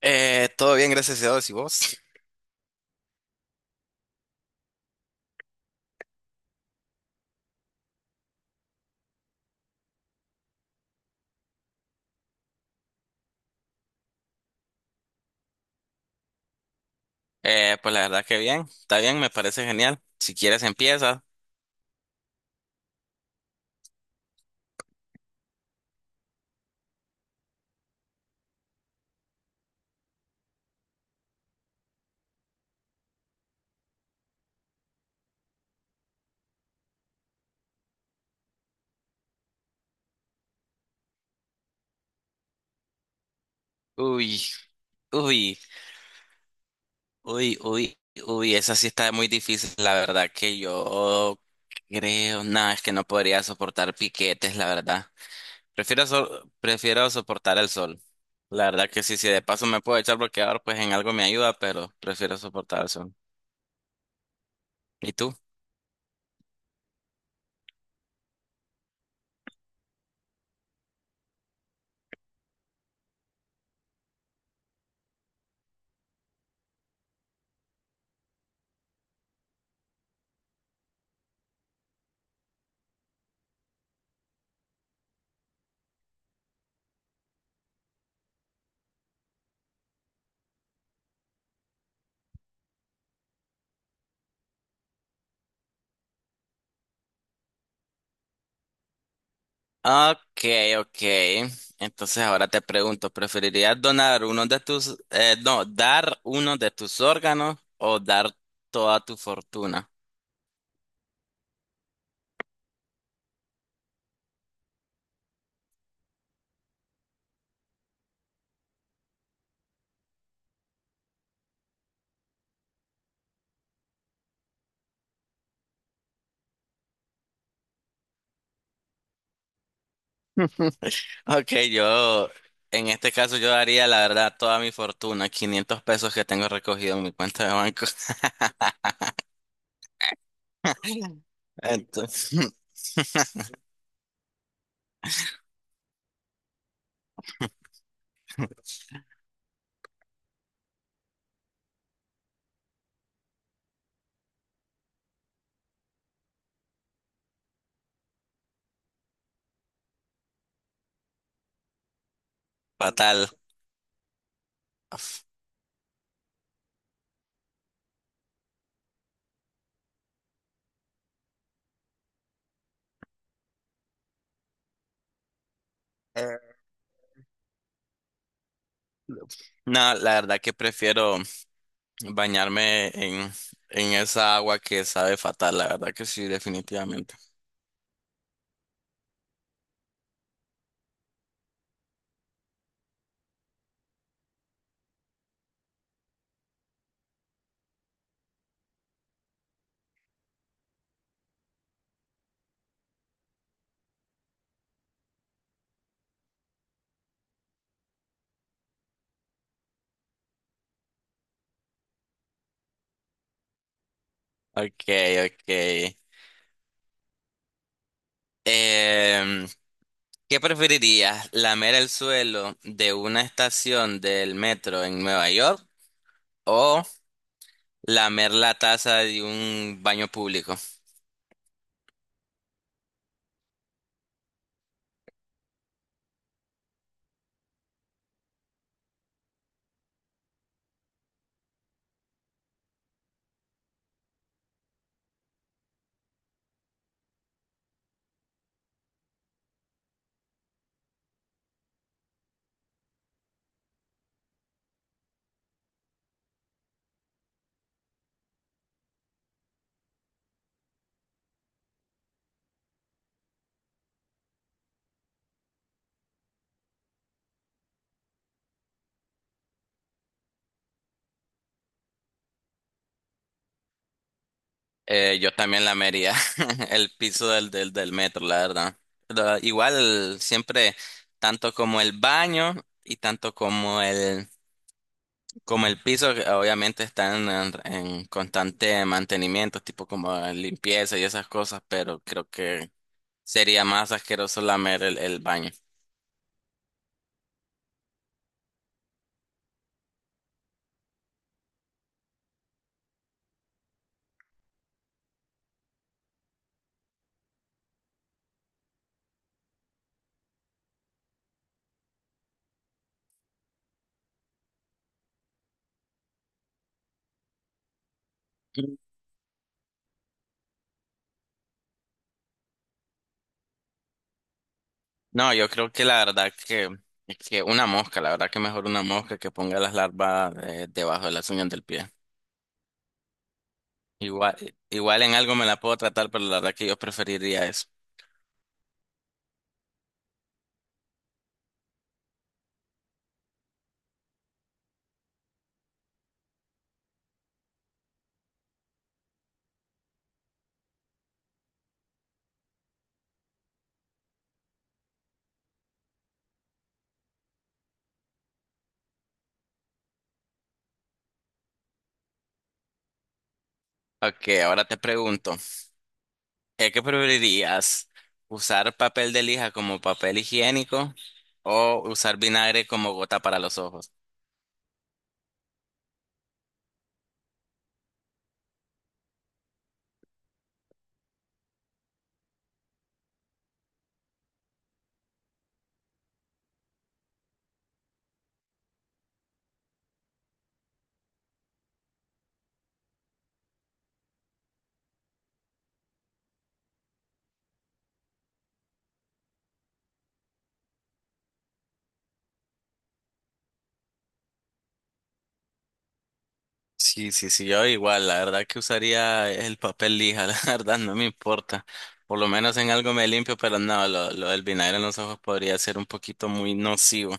Todo bien, gracias a Dios. ¿Y vos? Pues la verdad que bien, está bien, me parece genial. Si quieres empieza. Uy, uy, uy, uy, uy, esa sí está muy difícil. La verdad que yo creo, nada, es que no podría soportar piquetes, la verdad. Prefiero soportar el sol. La verdad que sí, si de paso me puedo echar bloqueador, pues en algo me ayuda, pero prefiero soportar el sol. ¿Y tú? Ok, ok. Entonces ahora te pregunto, ¿preferirías donar uno de tus, no, dar uno de tus órganos o dar toda tu fortuna? Ok, yo, en este caso yo daría la verdad toda mi fortuna, 500 pesos que tengo recogido en mi cuenta de banco. Entonces, fatal. Eh, No, la verdad que prefiero bañarme en esa agua que sabe fatal, la verdad que sí, definitivamente. Ok, ok. Em, ¿Qué preferirías? ¿Lamer el suelo de una estación del metro en Nueva York o lamer la taza de un baño público? Yo también lamería el piso del metro, la verdad. Igual siempre, tanto como el baño y tanto como el piso, que obviamente están en constante mantenimiento, tipo como limpieza y esas cosas, pero creo que sería más asqueroso lamer el baño. Mm. No, yo creo que la verdad que una mosca, la verdad que mejor una mosca que ponga las larvas debajo de las uñas del pie. Igual, igual en algo me la puedo tratar, pero la verdad que yo preferiría eso. Ok, ahora te pregunto, ¿qué preferirías? ¿Usar papel de lija como papel higiénico o usar vinagre como gota para los ojos? Sí, sí, sí, yo igual, la verdad que usaría el papel lija, la verdad no me importa. Por lo menos en algo me limpio, pero no, lo del vinagre en los ojos podría ser un poquito muy nocivo.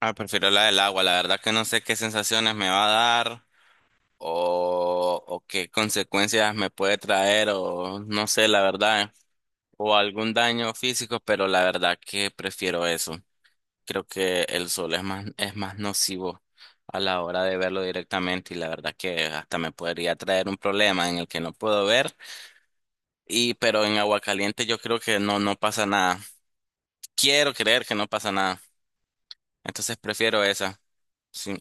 Ah, prefiero la del agua, la verdad que no sé qué sensaciones me va a dar o qué consecuencias me puede traer o no sé, la verdad, o algún daño físico, pero la verdad que prefiero eso. Creo que el sol es más nocivo a la hora de verlo directamente y la verdad que hasta me podría traer un problema en el que no puedo ver. Y pero en agua caliente yo creo que no, no pasa nada. Quiero creer que no pasa nada. Entonces prefiero esa. Sí.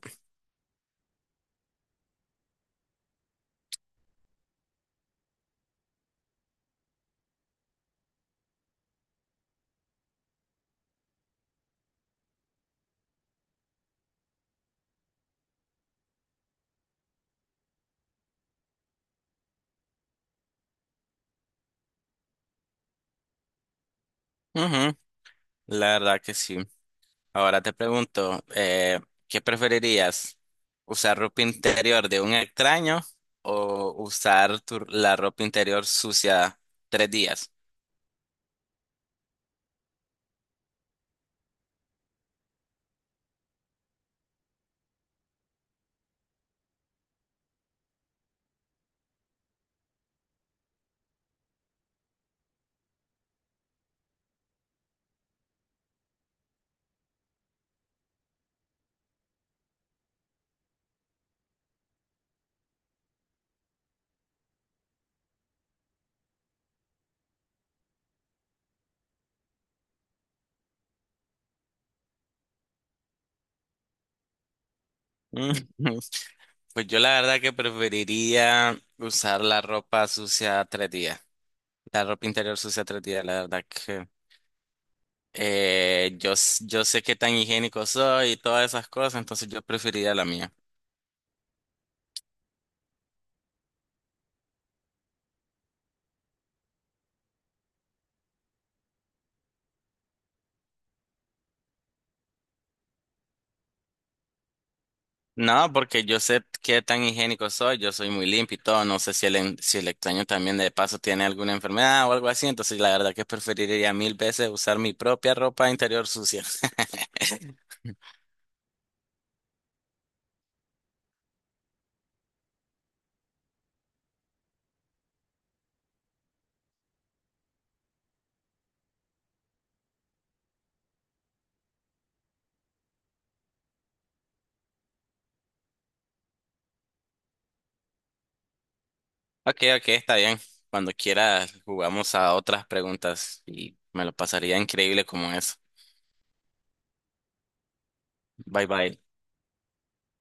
Ujú, la verdad que sí. Ahora te pregunto, ¿qué preferirías? ¿Usar ropa interior de un extraño o usar tu- la ropa interior sucia 3 días? Pues yo la verdad que preferiría usar la ropa sucia 3 días, la ropa interior sucia tres días, la verdad que yo, s- yo sé qué tan higiénico soy y todas esas cosas, entonces yo preferiría la mía. No, porque yo sé qué tan higiénico soy, yo soy muy limpio y todo, no sé si si el extraño también de paso tiene alguna enfermedad o algo así, entonces la verdad que preferiría 1.000 veces usar mi propia ropa interior sucia. Ok, ok, está bien. Cuando quieras jugamos a otras preguntas y me lo pasaría increíble como eso. Bye bye.